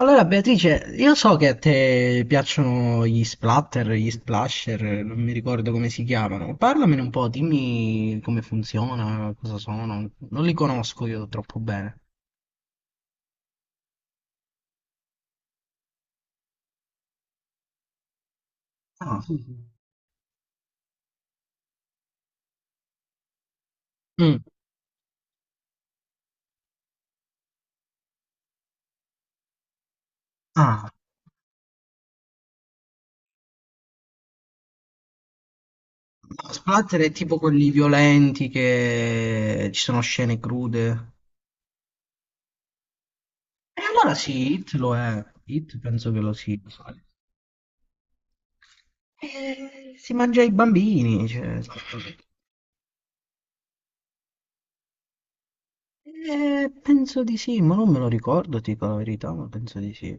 Allora Beatrice, io so che a te piacciono gli splatter, gli splasher, non mi ricordo come si chiamano. Parlamene un po', dimmi come funziona, cosa sono. Non li conosco io troppo bene. Ah, sì, sì. Mm. Ah, no, splatter è tipo quelli violenti che ci sono scene crude. E allora sì, Hit lo è. Hit penso che lo sia. Si mangia i bambini, cioè. Penso di sì, ma non me lo ricordo, ti dico la verità, ma penso di sì.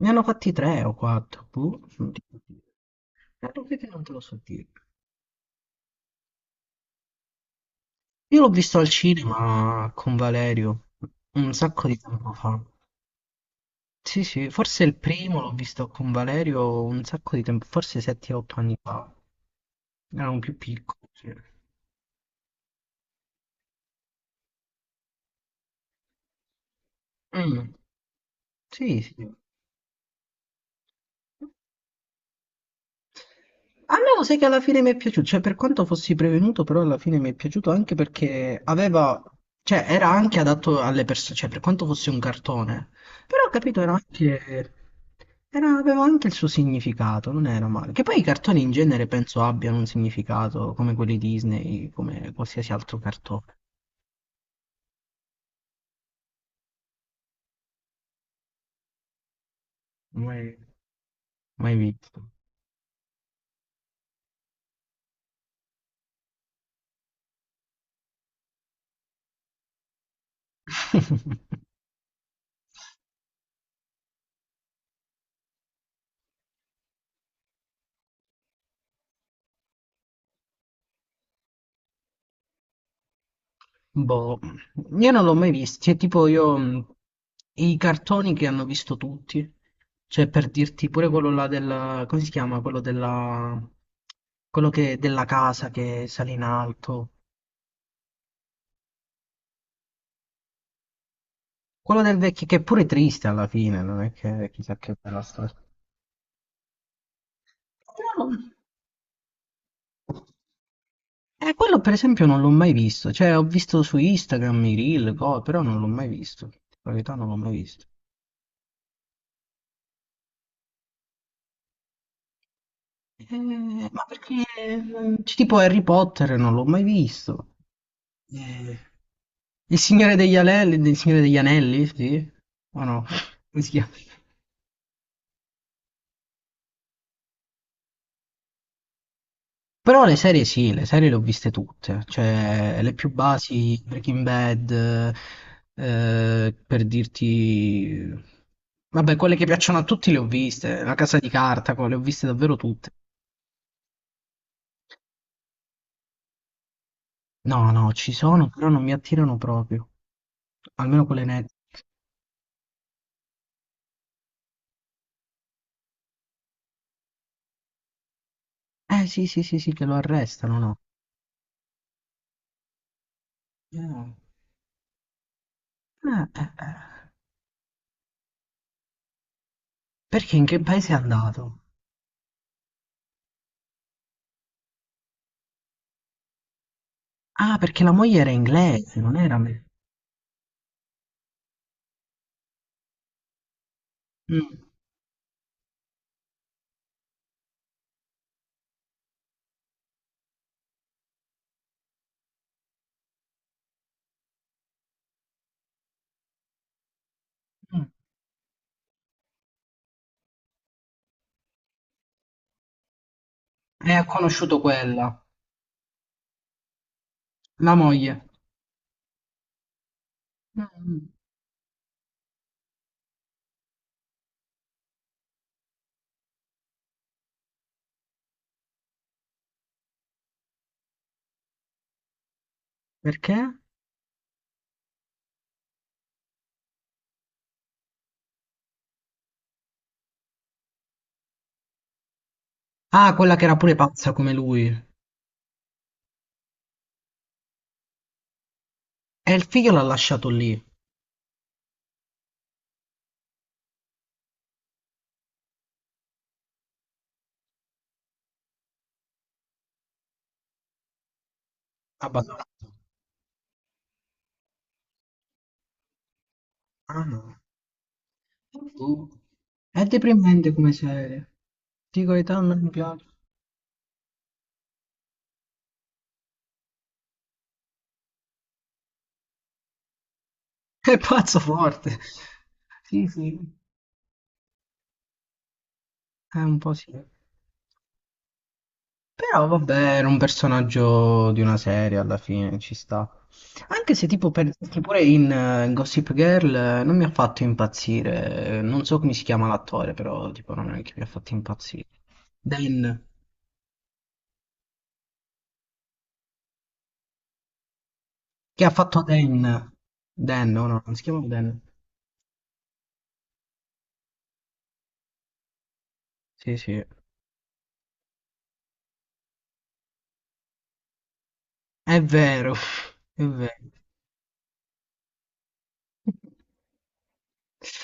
Ne hanno fatti tre o quattro, boh, non ti so dire. Ecco perché non te lo so dire. Io l'ho visto al cinema con Valerio un sacco di tempo fa. Sì, sì, forse il primo l'ho visto con Valerio un sacco di tempo, forse 7-8 anni fa. Ero un più piccolo, sì. Mm, sì, sì. A me lo sai che alla fine mi è piaciuto, cioè per quanto fossi prevenuto, però alla fine mi è piaciuto anche perché aveva, cioè era anche adatto alle persone, cioè per quanto fosse un cartone, però ho capito, era anche, aveva anche il suo significato, non era male. Che poi i cartoni in genere penso abbiano un significato, come quelli Disney, come qualsiasi altro cartone, mai, mai visto. Boh, io non l'ho mai visto, cioè tipo io i cartoni che hanno visto tutti, cioè per dirti pure quello là del, come si chiama? Quello della, quello che, della casa che sale in alto, quello del vecchio che è pure triste alla fine, non è che chissà che bella storia. Però- quello per esempio non l'ho mai visto, cioè ho visto su Instagram i reel, però non l'ho mai visto, in verità non l'ho mai visto. Eh, ma perché tipo Harry Potter non l'ho mai visto. Eh, il Signore degli Anelli, sì? O no? Come si chiama? Però le serie sì, le serie le ho viste tutte, cioè le più basi, Breaking Bad, per dirti. Vabbè, quelle che piacciono a tutti le ho viste, La Casa di Carta, le ho viste davvero tutte. No, no, ci sono, però non mi attirano proprio, almeno quelle nette. Eh sì, sì, sì, sì, che lo arrestano, no? Ah, eh, eh. Perché in che paese è andato? Ah, perché la moglie era inglese, non era me. Mm, mm. E ha conosciuto quella, la moglie. Mm, mm. Perché? Ah, quella che era pure pazza come lui. E il figlio l'ha lasciato lì, abbandonato. Ah no. Boh. È deprimente come serie. Dico, età non mi piace. È pazzo forte. Sì, sì, è un po' sì. Però vabbè, era un personaggio di una serie alla fine, ci sta. Anche se tipo per che pure in Gossip Girl non mi ha fatto impazzire, non so come si chiama l'attore, però tipo non è che mi ha fatto impazzire. Dan, che ha fatto Dan? Dan, no, no, non si chiama Dan. Sì, sì. È vero, è vero.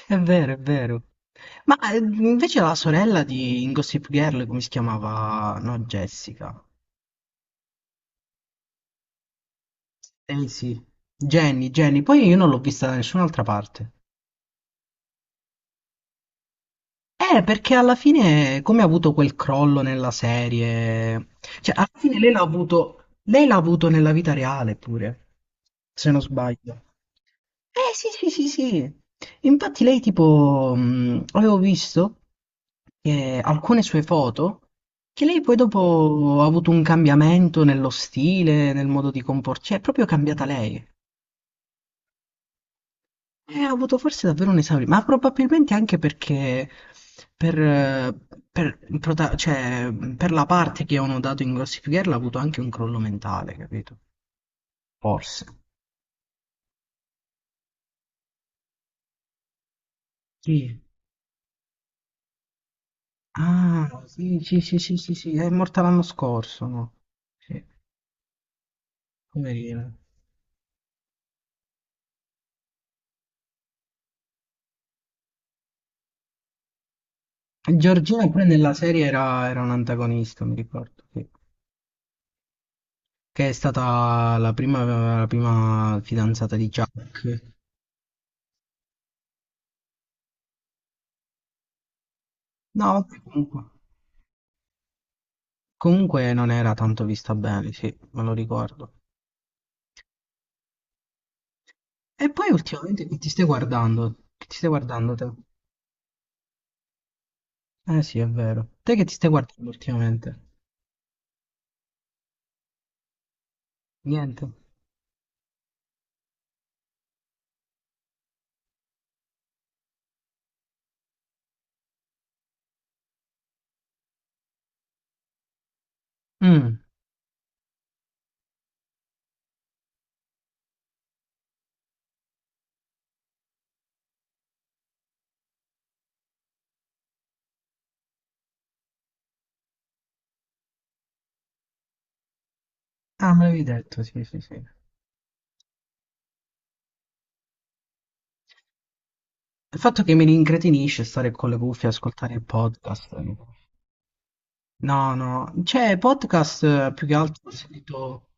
È vero, è vero. Ma invece la sorella di in Gossip Girl, come si chiamava? No, Jessica. Eh sì, Jenny, Jenny, poi io non l'ho vista da nessun'altra parte. Perché alla fine, come ha avuto quel crollo nella serie, cioè alla fine lei l'ha avuto nella vita reale pure, se non sbaglio. Eh sì, sì, sì, sì. Infatti lei tipo, avevo visto che alcune sue foto, che lei poi dopo ha avuto un cambiamento nello stile, nel modo di comportarsi, cioè è proprio cambiata lei. Ho avuto forse davvero un esame, ma probabilmente anche perché per, eh, per cioè, per la parte che avevano dato in Gossip Girl ha avuto anche un crollo mentale, capito? Forse. Sì. Ah, sì, sì, sì, sì, sì, sì, è morta l'anno scorso, no? Sì, poverina. Giorgina pure nella serie era un antagonista, mi ricordo, sì. Che è stata la prima fidanzata di Jack. No, vabbè, comunque. Comunque non era tanto vista bene, sì, me lo ricordo. E poi ultimamente che ti stai guardando? Che ti stai guardando te? Eh sì, è vero. Te che ti stai guardando ultimamente? Niente. Mm. Ah, me l'avevi detto, sì, sì, sì. Il fatto che mi rincretinisce stare con le cuffie e ascoltare il podcast. No, no, cioè podcast più che altro ho sentito.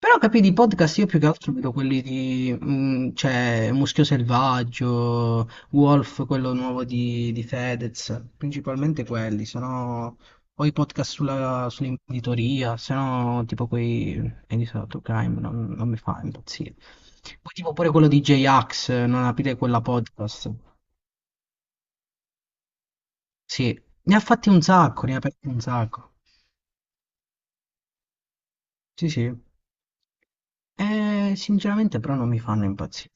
Però capì di podcast io più che altro vedo quelli di, cioè, Muschio Selvaggio, Wolf, quello nuovo di, Fedez, principalmente quelli, sono o i podcast sull'imprenditoria, se no tipo quei Edison to Crime non mi fa impazzire. Poi tipo pure quello di J-Ax, non aprire quella podcast. Sì, ne ha fatti un sacco, ne ha aperti un sacco. Sì, sì. Sinceramente però non mi fanno impazzire.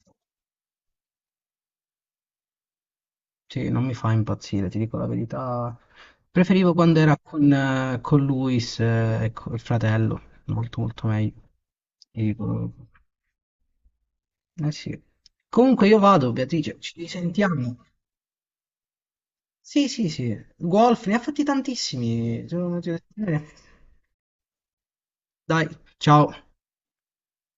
Sì, non mi fa impazzire, ti dico la verità. Preferivo quando era con Luis, ecco, il fratello, molto molto meglio. Ti dico- Eh sì. Comunque io vado, Beatrice, ci risentiamo. Sì, sì, sì. Golf, ne ha fatti tantissimi. Dai, ciao.